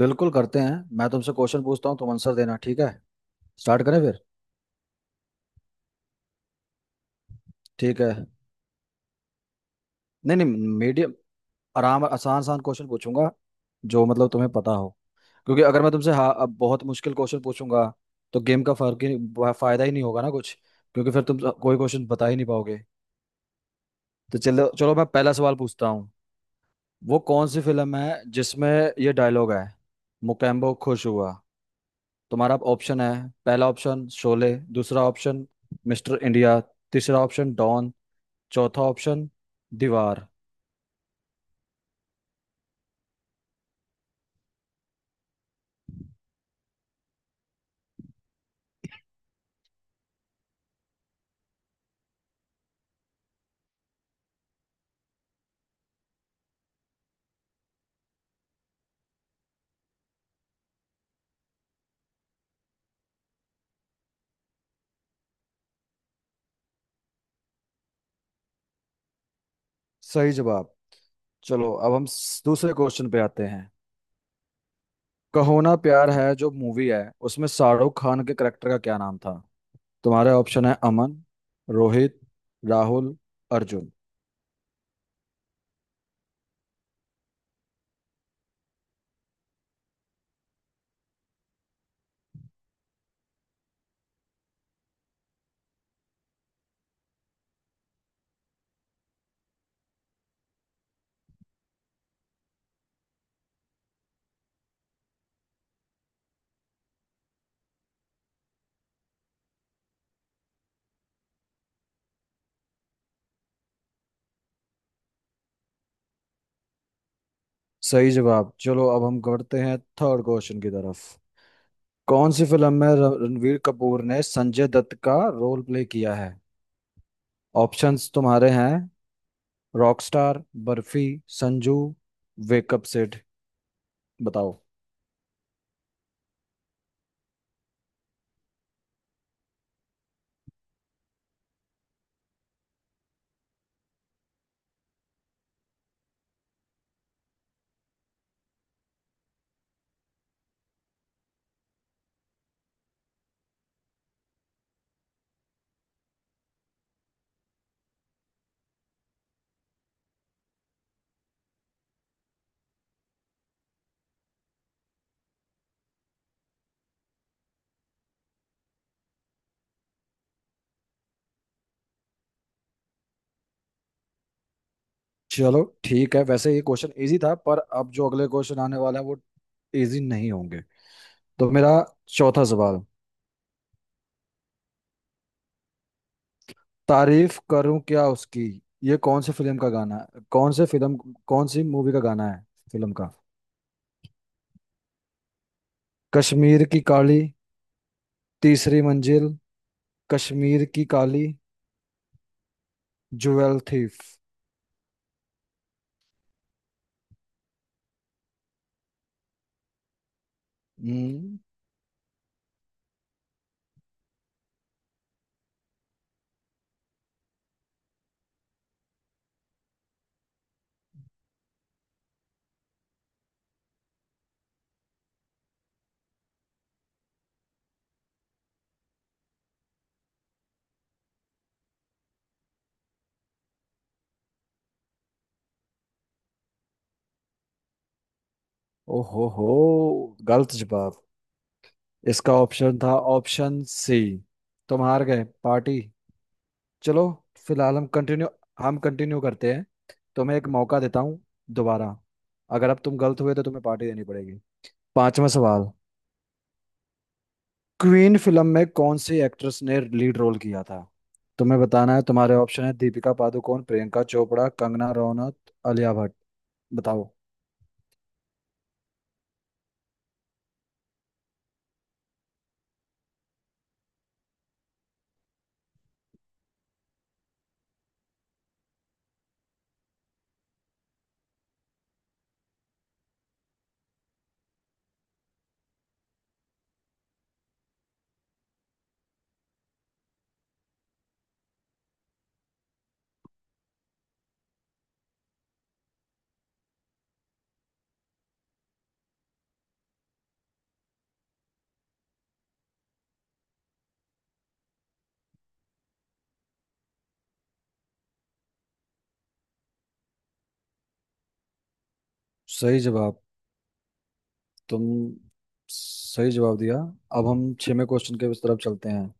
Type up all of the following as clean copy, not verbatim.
बिल्कुल करते हैं। मैं तुमसे क्वेश्चन पूछता हूँ, तुम आंसर देना, ठीक है? स्टार्ट करें फिर? ठीक है, नहीं नहीं, मीडियम, आराम आसान आसान क्वेश्चन पूछूंगा, जो मतलब तुम्हें पता हो। क्योंकि अगर मैं तुमसे हाँ अब बहुत मुश्किल क्वेश्चन पूछूंगा, तो गेम का फर्क ही फायदा ही नहीं होगा ना कुछ। क्योंकि फिर तुम कोई क्वेश्चन बता ही नहीं पाओगे। तो चलो चलो, मैं पहला सवाल पूछता हूँ। वो कौन सी फिल्म है जिसमें ये डायलॉग है, मुकेम्बो खुश हुआ? तुम्हारा ऑप्शन है, पहला ऑप्शन शोले, दूसरा ऑप्शन मिस्टर इंडिया, तीसरा ऑप्शन डॉन, चौथा ऑप्शन दीवार। सही जवाब। चलो अब हम दूसरे क्वेश्चन पे आते हैं। कहो ना प्यार है जो मूवी है, उसमें शाहरुख खान के करेक्टर का क्या नाम था? तुम्हारे ऑप्शन है, अमन, रोहित, राहुल, अर्जुन। सही जवाब। चलो अब हम करते हैं थर्ड क्वेश्चन की तरफ। कौन सी फिल्म में रणवीर कपूर ने संजय दत्त का रोल प्ले किया है? ऑप्शंस तुम्हारे हैं, रॉकस्टार, बर्फी, संजू, वेकअप सिड। बताओ। चलो ठीक है, वैसे ये क्वेश्चन इजी था, पर अब जो अगले क्वेश्चन आने वाले हैं वो इजी नहीं होंगे। तो मेरा चौथा सवाल, तारीफ करूं क्या उसकी, ये कौन से फिल्म का गाना है? कौन से फिल्म, कौन सी मूवी का गाना है, फिल्म का? कश्मीर की काली, तीसरी मंजिल, कश्मीर की काली, ज्वेल थीफ। हम्म। ओहो हो, गलत जवाब। इसका ऑप्शन था ऑप्शन सी। तुम हार गए पार्टी। चलो फिलहाल हम कंटिन्यू, हम कंटिन्यू करते हैं। तुम्हें एक मौका देता हूँ दोबारा। अगर अब तुम गलत हुए तो तुम्हें पार्टी देनी पड़ेगी। पांचवा सवाल, क्वीन फिल्म में कौन सी एक्ट्रेस ने लीड रोल किया था? तुम्हें बताना है, तुम्हारे ऑप्शन है, दीपिका पादुकोण, प्रियंका चोपड़ा, कंगना रनौत, आलिया भट्ट। बताओ। सही जवाब। तुम सही जवाब दिया। अब हम छेवें क्वेश्चन के उस तरफ चलते हैं।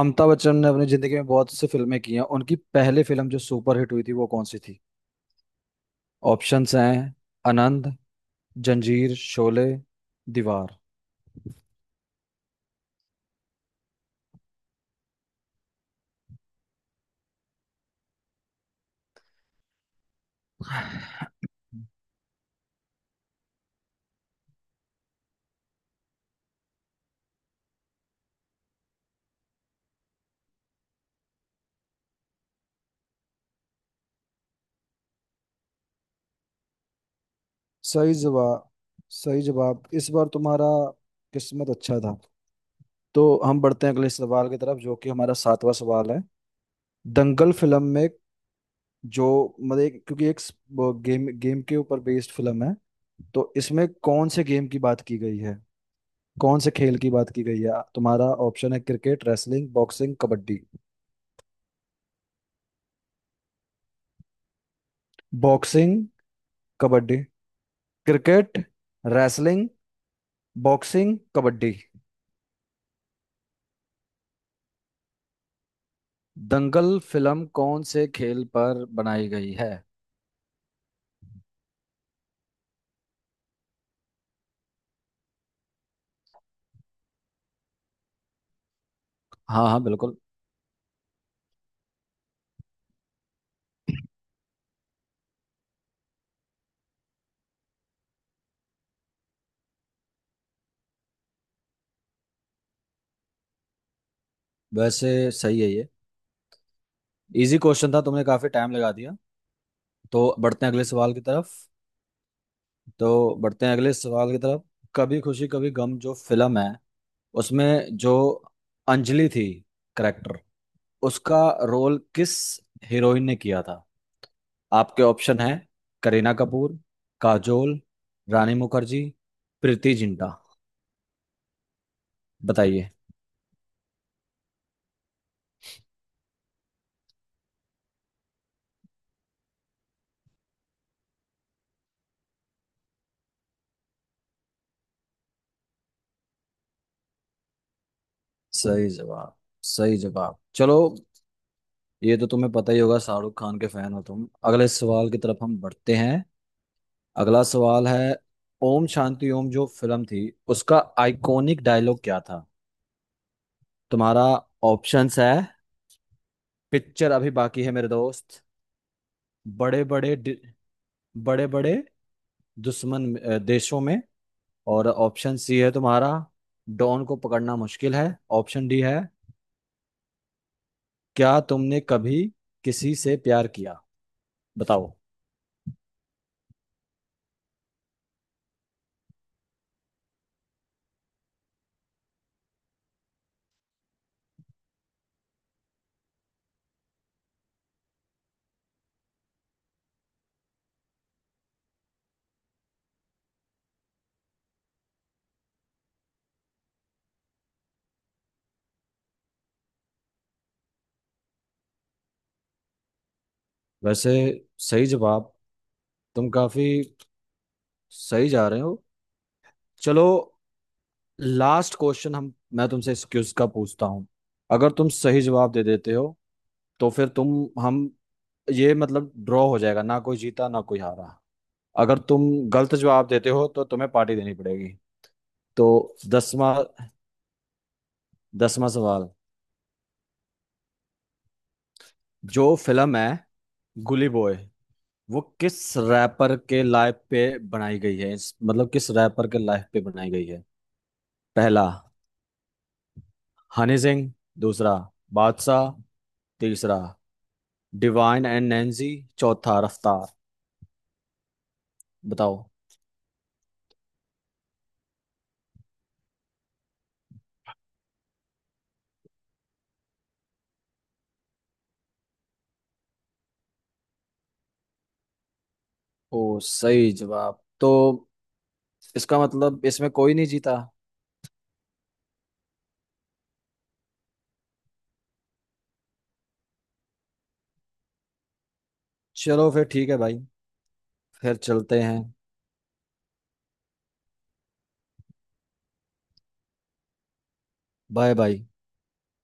अमिताभ बच्चन ने अपनी जिंदगी में बहुत सी फिल्में की हैं, उनकी पहली फिल्म जो सुपरहिट हुई थी वो कौन सी थी? ऑप्शंस हैं, आनंद, जंजीर, शोले, दीवार। सही जवाब। सही जवाब, इस बार तुम्हारा किस्मत अच्छा था। तो हम बढ़ते हैं अगले सवाल की तरफ, जो कि हमारा सातवां सवाल है। दंगल फिल्म में जो मतलब क्योंकि वो गेम गेम के ऊपर बेस्ड फिल्म है, तो इसमें कौन से गेम की बात की गई है, कौन से खेल की बात की गई है? तुम्हारा ऑप्शन है, cricket, wrestling, boxing, kabaddi. Boxing, kabaddi, cricket, wrestling, boxing, kabaddi. Dangal film कौन से खेल पर बनाई गई है? हाँ हाँ बिल्कुल। वैसे सही है ये। इजी क्वेश्चन था, तुमने काफी टाइम लगा दिया। तो बढ़ते हैं अगले सवाल की तरफ। तो बढ़ते हैं अगले सवाल की तरफ। कभी खुशी कभी गम जो फिल्म है, उसमें जो अंजलि थी करेक्टर, उसका रोल किस हीरोइन ने किया था? आपके ऑप्शन हैं, करीना कपूर, काजोल, रानी मुखर्जी, प्रीति जिंटा। बताइए। सही जवाब। सही जवाब, चलो। ये तो तुम्हें पता ही होगा, शाहरुख खान के फैन हो तुम। अगले सवाल की तरफ हम बढ़ते हैं। अगला सवाल है, ओम शांति ओम जो फिल्म थी, उसका आइकॉनिक डायलॉग क्या था? तुम्हारा ऑप्शंस है, पिक्चर अभी बाकी है मेरे दोस्त, बड़े बड़े, बड़े बड़े दुश्मन देशों में, और ऑप्शन सी है तुम्हारा, डॉन को पकड़ना मुश्किल है, ऑप्शन डी है, क्या तुमने कभी किसी से प्यार किया? बताओ। वैसे सही जवाब। तुम काफी सही जा रहे हो। चलो लास्ट क्वेश्चन हम, मैं तुमसे इस क्विज का पूछता हूँ। अगर तुम सही जवाब दे देते हो तो फिर तुम, हम, ये मतलब ड्रॉ हो जाएगा, ना कोई जीता ना कोई हारा। अगर तुम गलत जवाब देते हो तो तुम्हें पार्टी देनी पड़ेगी। तो दसवां, दसवां सवाल, जो फिल्म है गुली बॉय, वो किस रैपर के लाइफ पे बनाई गई है? मतलब किस रैपर के लाइफ पे बनाई गई है? पहला हनी सिंह, दूसरा बादशाह, तीसरा डिवाइन एंड नैंसी, चौथा रफ्तार। बताओ। ओ सही जवाब तो। इसका मतलब इसमें कोई नहीं जीता। चलो फिर ठीक है भाई। फिर चलते हैं। Bye bye.